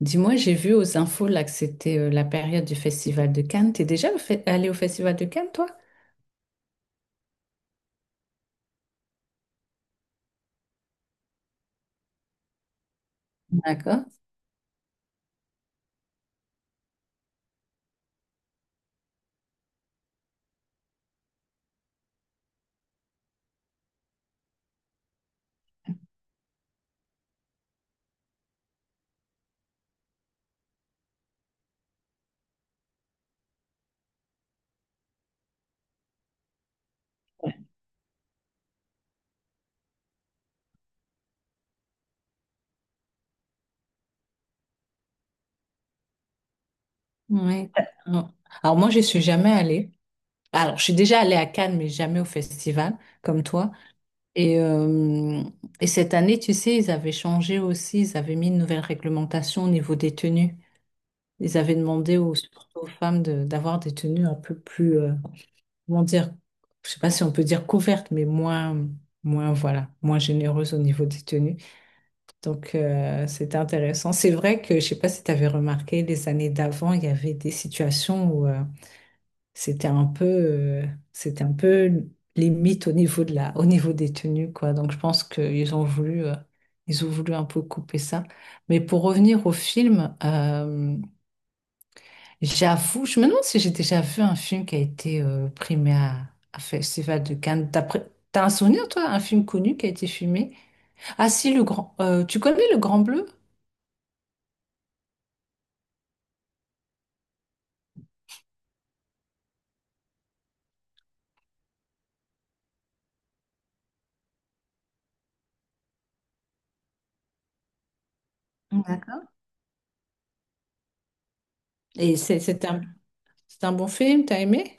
Dis-moi, j'ai vu aux infos là que c'était la période du Festival de Cannes. T'es allé au Festival de Cannes, toi? D'accord. Oui. Alors moi, je suis jamais allée. Alors, je suis déjà allée à Cannes, mais jamais au festival, comme toi. Et, euh, et cette année, tu sais, ils avaient changé aussi, ils avaient mis une nouvelle réglementation au niveau des tenues. Ils avaient demandé aux, surtout aux femmes d'avoir des tenues un peu plus, comment dire, je sais pas si on peut dire couvertes, mais moins, voilà, moins généreuses au niveau des tenues. Donc, c'était intéressant. C'est vrai que, je sais pas si tu avais remarqué, les années d'avant, il y avait des situations où c'était un c'était un peu limite au niveau de au niveau des tenues, quoi. Donc, je pense qu'ils ont voulu, ils ont voulu un peu couper ça. Mais pour revenir au film, j'avoue, je me demande si j'ai déjà vu un film qui a été primé à Festival de Cannes. T'as un souvenir, toi, un film connu qui a été filmé? Ah si, le tu connais Le Grand Bleu? Et c'est un bon film, t'as aimé?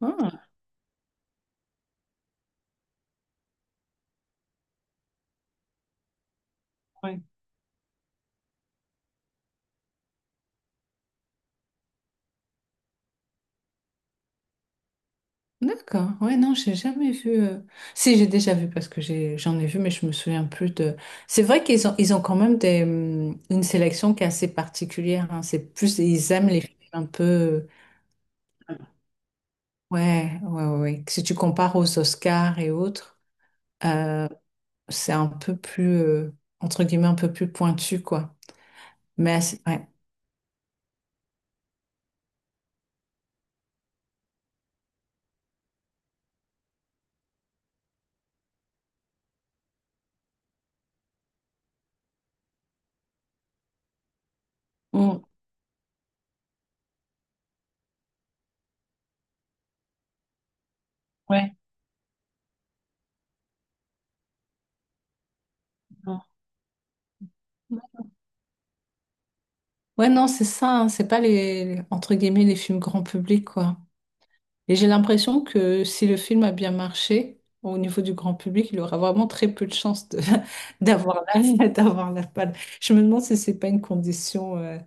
Ah, ouais. D'accord. Ouais, non, j'ai jamais vu. Si, j'ai déjà vu parce que j'en ai vu, mais je me souviens plus de. C'est vrai ils ont quand même des, une sélection qui est assez particulière, hein. C'est plus, ils aiment les films un peu. Ouais. Si tu compares aux Oscars et autres, euh, c'est un peu entre guillemets, un peu plus pointu, quoi. Mais ouais. Mm. Ouais. Ouais, non, c'est ça, hein, c'est pas les, entre guillemets, les films grand public, quoi. Et j'ai l'impression que si le film a bien marché au niveau du grand public, il aura vraiment très peu de chances d'avoir la palme. Je me demande si c'est pas une condition, euh,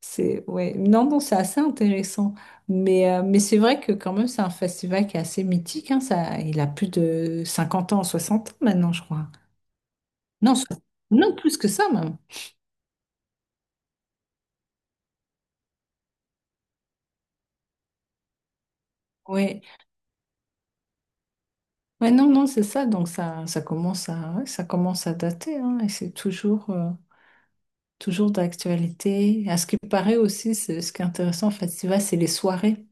c'est, ouais. Non, non, c'est assez intéressant. Mais c'est vrai que quand même, c'est un festival qui est assez mythique, hein, ça, il a plus de 50 ans, 60 ans maintenant, je crois. Non, so- non, plus que ça, même. Ouais. Ouais, non, non, c'est ça. Donc ça commence ça commence à dater, hein, et c'est toujours, toujours d'actualité. À ce qui paraît aussi, ce qui est intéressant en festival, c'est les soirées,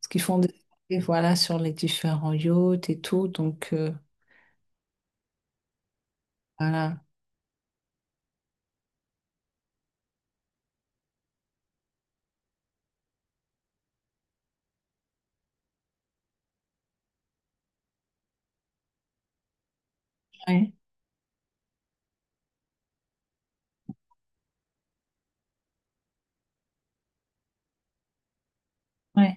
ce qu'ils font des soirées, voilà, sur les différents yachts et tout. Donc voilà. Ouais, ouais.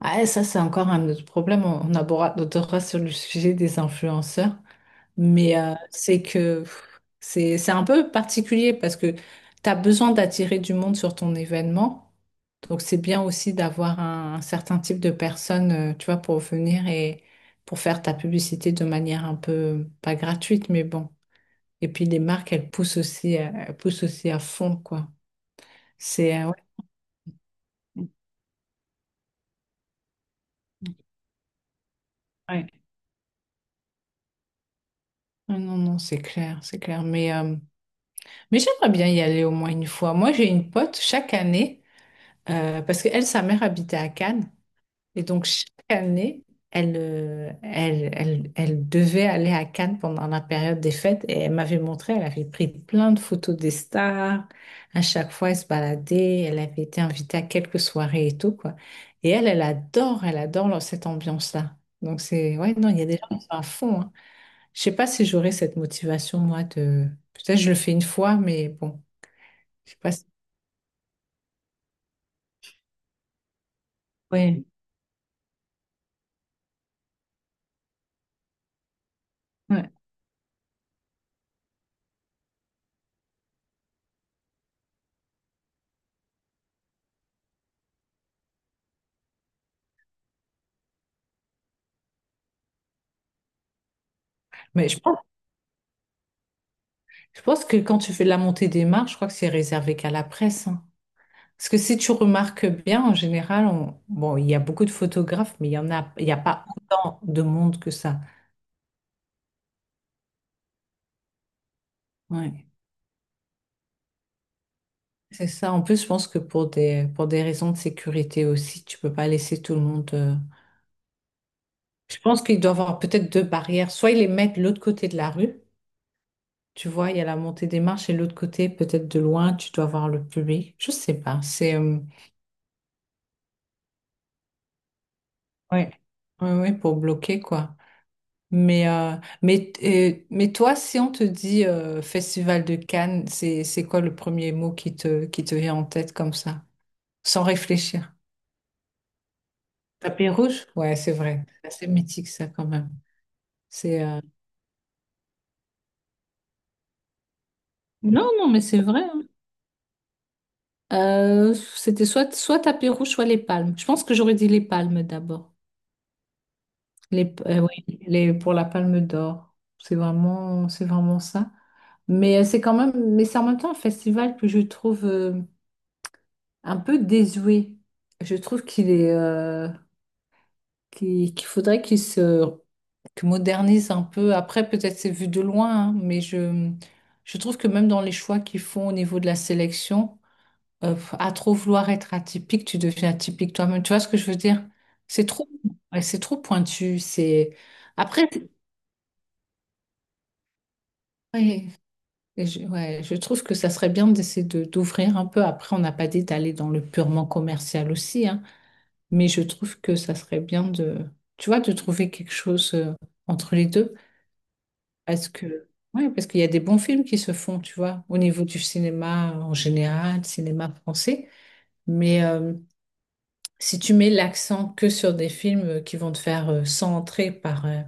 Ah, et ça, c'est encore un autre problème. On abordera sur le sujet des influenceurs. Mais c'est que pff, c'est un peu particulier parce que tu as besoin d'attirer du monde sur ton événement. Donc c'est bien aussi d'avoir un certain type de personnes, tu vois, pour venir et pour faire ta publicité de manière un peu pas gratuite, mais bon. Et puis les marques, elles poussent aussi à fond, quoi. C'est ouais. Ouais. Ah non, non, c'est clair, c'est clair. Mais j'aimerais bien y aller au moins une fois. Moi, j'ai une pote chaque année, parce qu'elle, sa mère habitait à Cannes. Et donc, chaque année, elle devait aller à Cannes pendant la période des fêtes et elle m'avait montré, elle avait pris plein de photos des stars. À chaque fois, elle se baladait, elle avait été invitée à quelques soirées et tout, quoi. Et elle adore cette ambiance-là. Donc, c'est, ouais, non, il y a des gens qui sont à fond, hein. Je sais pas si j'aurais cette motivation, peut-être je le fais une fois, mais bon, je sais pas si, ouais, ouais. Mais je pense que quand tu fais de la montée des marches, je crois que c'est réservé qu'à la presse, hein. Parce que si tu remarques bien, en général, bon, il y a beaucoup de photographes, mais il n'y a pas autant de monde que ça. Ouais. C'est ça. En plus, je pense que pour pour des raisons de sécurité aussi, tu peux pas laisser tout le monde. Je pense qu'il doit y avoir peut-être deux barrières. Soit ils les mettent de l'autre côté de la rue, tu vois, il y a la montée des marches, et de l'autre côté, peut-être de loin, tu dois voir le public. Je sais pas. C'est ouais, ouais, ouais, pour bloquer quoi. Mais, euh, mais toi, si on te dit Festival de Cannes, c'est quoi le premier mot qui qui te vient en tête comme ça, sans réfléchir? Tapis rouge? Ouais, c'est vrai. C'est assez mythique, ça, quand même. C'est, non, non, mais c'est vrai, hein. C'était soit tapis rouge, soit les palmes. Je pense que j'aurais dit les palmes d'abord. Les, oui, les, pour la palme d'or. C'est vraiment ça. Mais c'est quand même, mais c'est en même temps un festival que je trouve. Un peu désuet. Je trouve qu'il est, qu'il faudrait qu'il se qu'il modernise un peu. Après, peut-être c'est vu de loin, hein, mais je trouve que même dans les choix qu'ils font au niveau de la sélection, à trop vouloir être atypique, tu deviens atypique toi-même. Tu vois ce que je veux dire? C'est trop, ouais, c'est trop pointu. C'est après, ouais, et je trouve que ça serait bien d'essayer de d'ouvrir un peu. Après, on n'a pas dit d'aller dans le purement commercial aussi, hein. Mais je trouve que ça serait bien tu vois, de trouver quelque chose entre les deux. Parce que, ouais, parce qu'il y a des bons films qui se font, tu vois, au niveau du cinéma en général, cinéma français. Mais si tu mets l'accent que sur des films qui vont te faire 100 entrées par...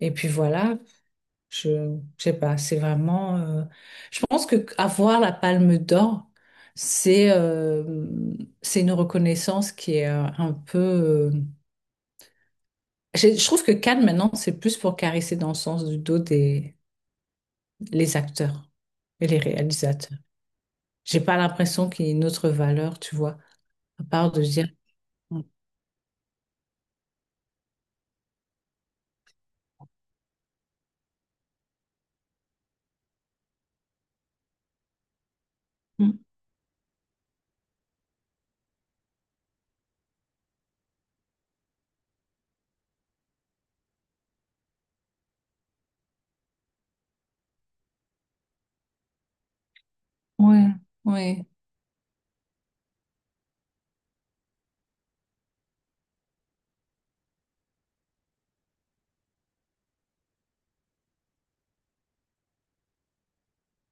et puis voilà, je sais pas, c'est vraiment... je pense que avoir la Palme d'Or, c'est euh, c'est une reconnaissance qui est un peu... je trouve que Cannes, maintenant, c'est plus pour caresser dans le sens du dos des les acteurs et les réalisateurs. J'ai pas l'impression qu'il y ait une autre valeur, tu vois, à part de dire. Mm. Ouais, ouais.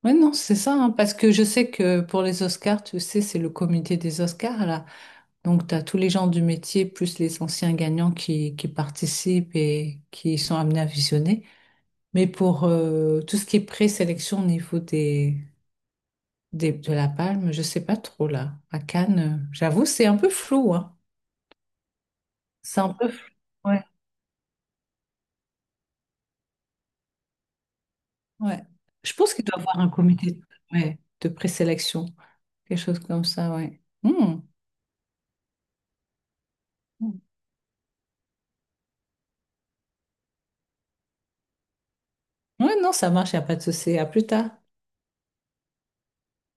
Ouais, non, c'est ça, hein, parce que je sais que pour les Oscars, tu sais, c'est le comité des Oscars, là. Donc, tu as tous les gens du métier, plus les anciens gagnants qui participent et qui sont amenés à visionner. Mais pour tout ce qui est présélection au niveau des de la Palme, je sais pas trop là. À Cannes, j'avoue, c'est un peu flou, hein. C'est un peu flou. Ouais, ouais. Je pense qu'il doit y avoir un comité de ouais, de présélection, quelque chose comme ça, ouais. Hmm. Ouais, non, ça marche, il n'y a pas de souci. À plus tard.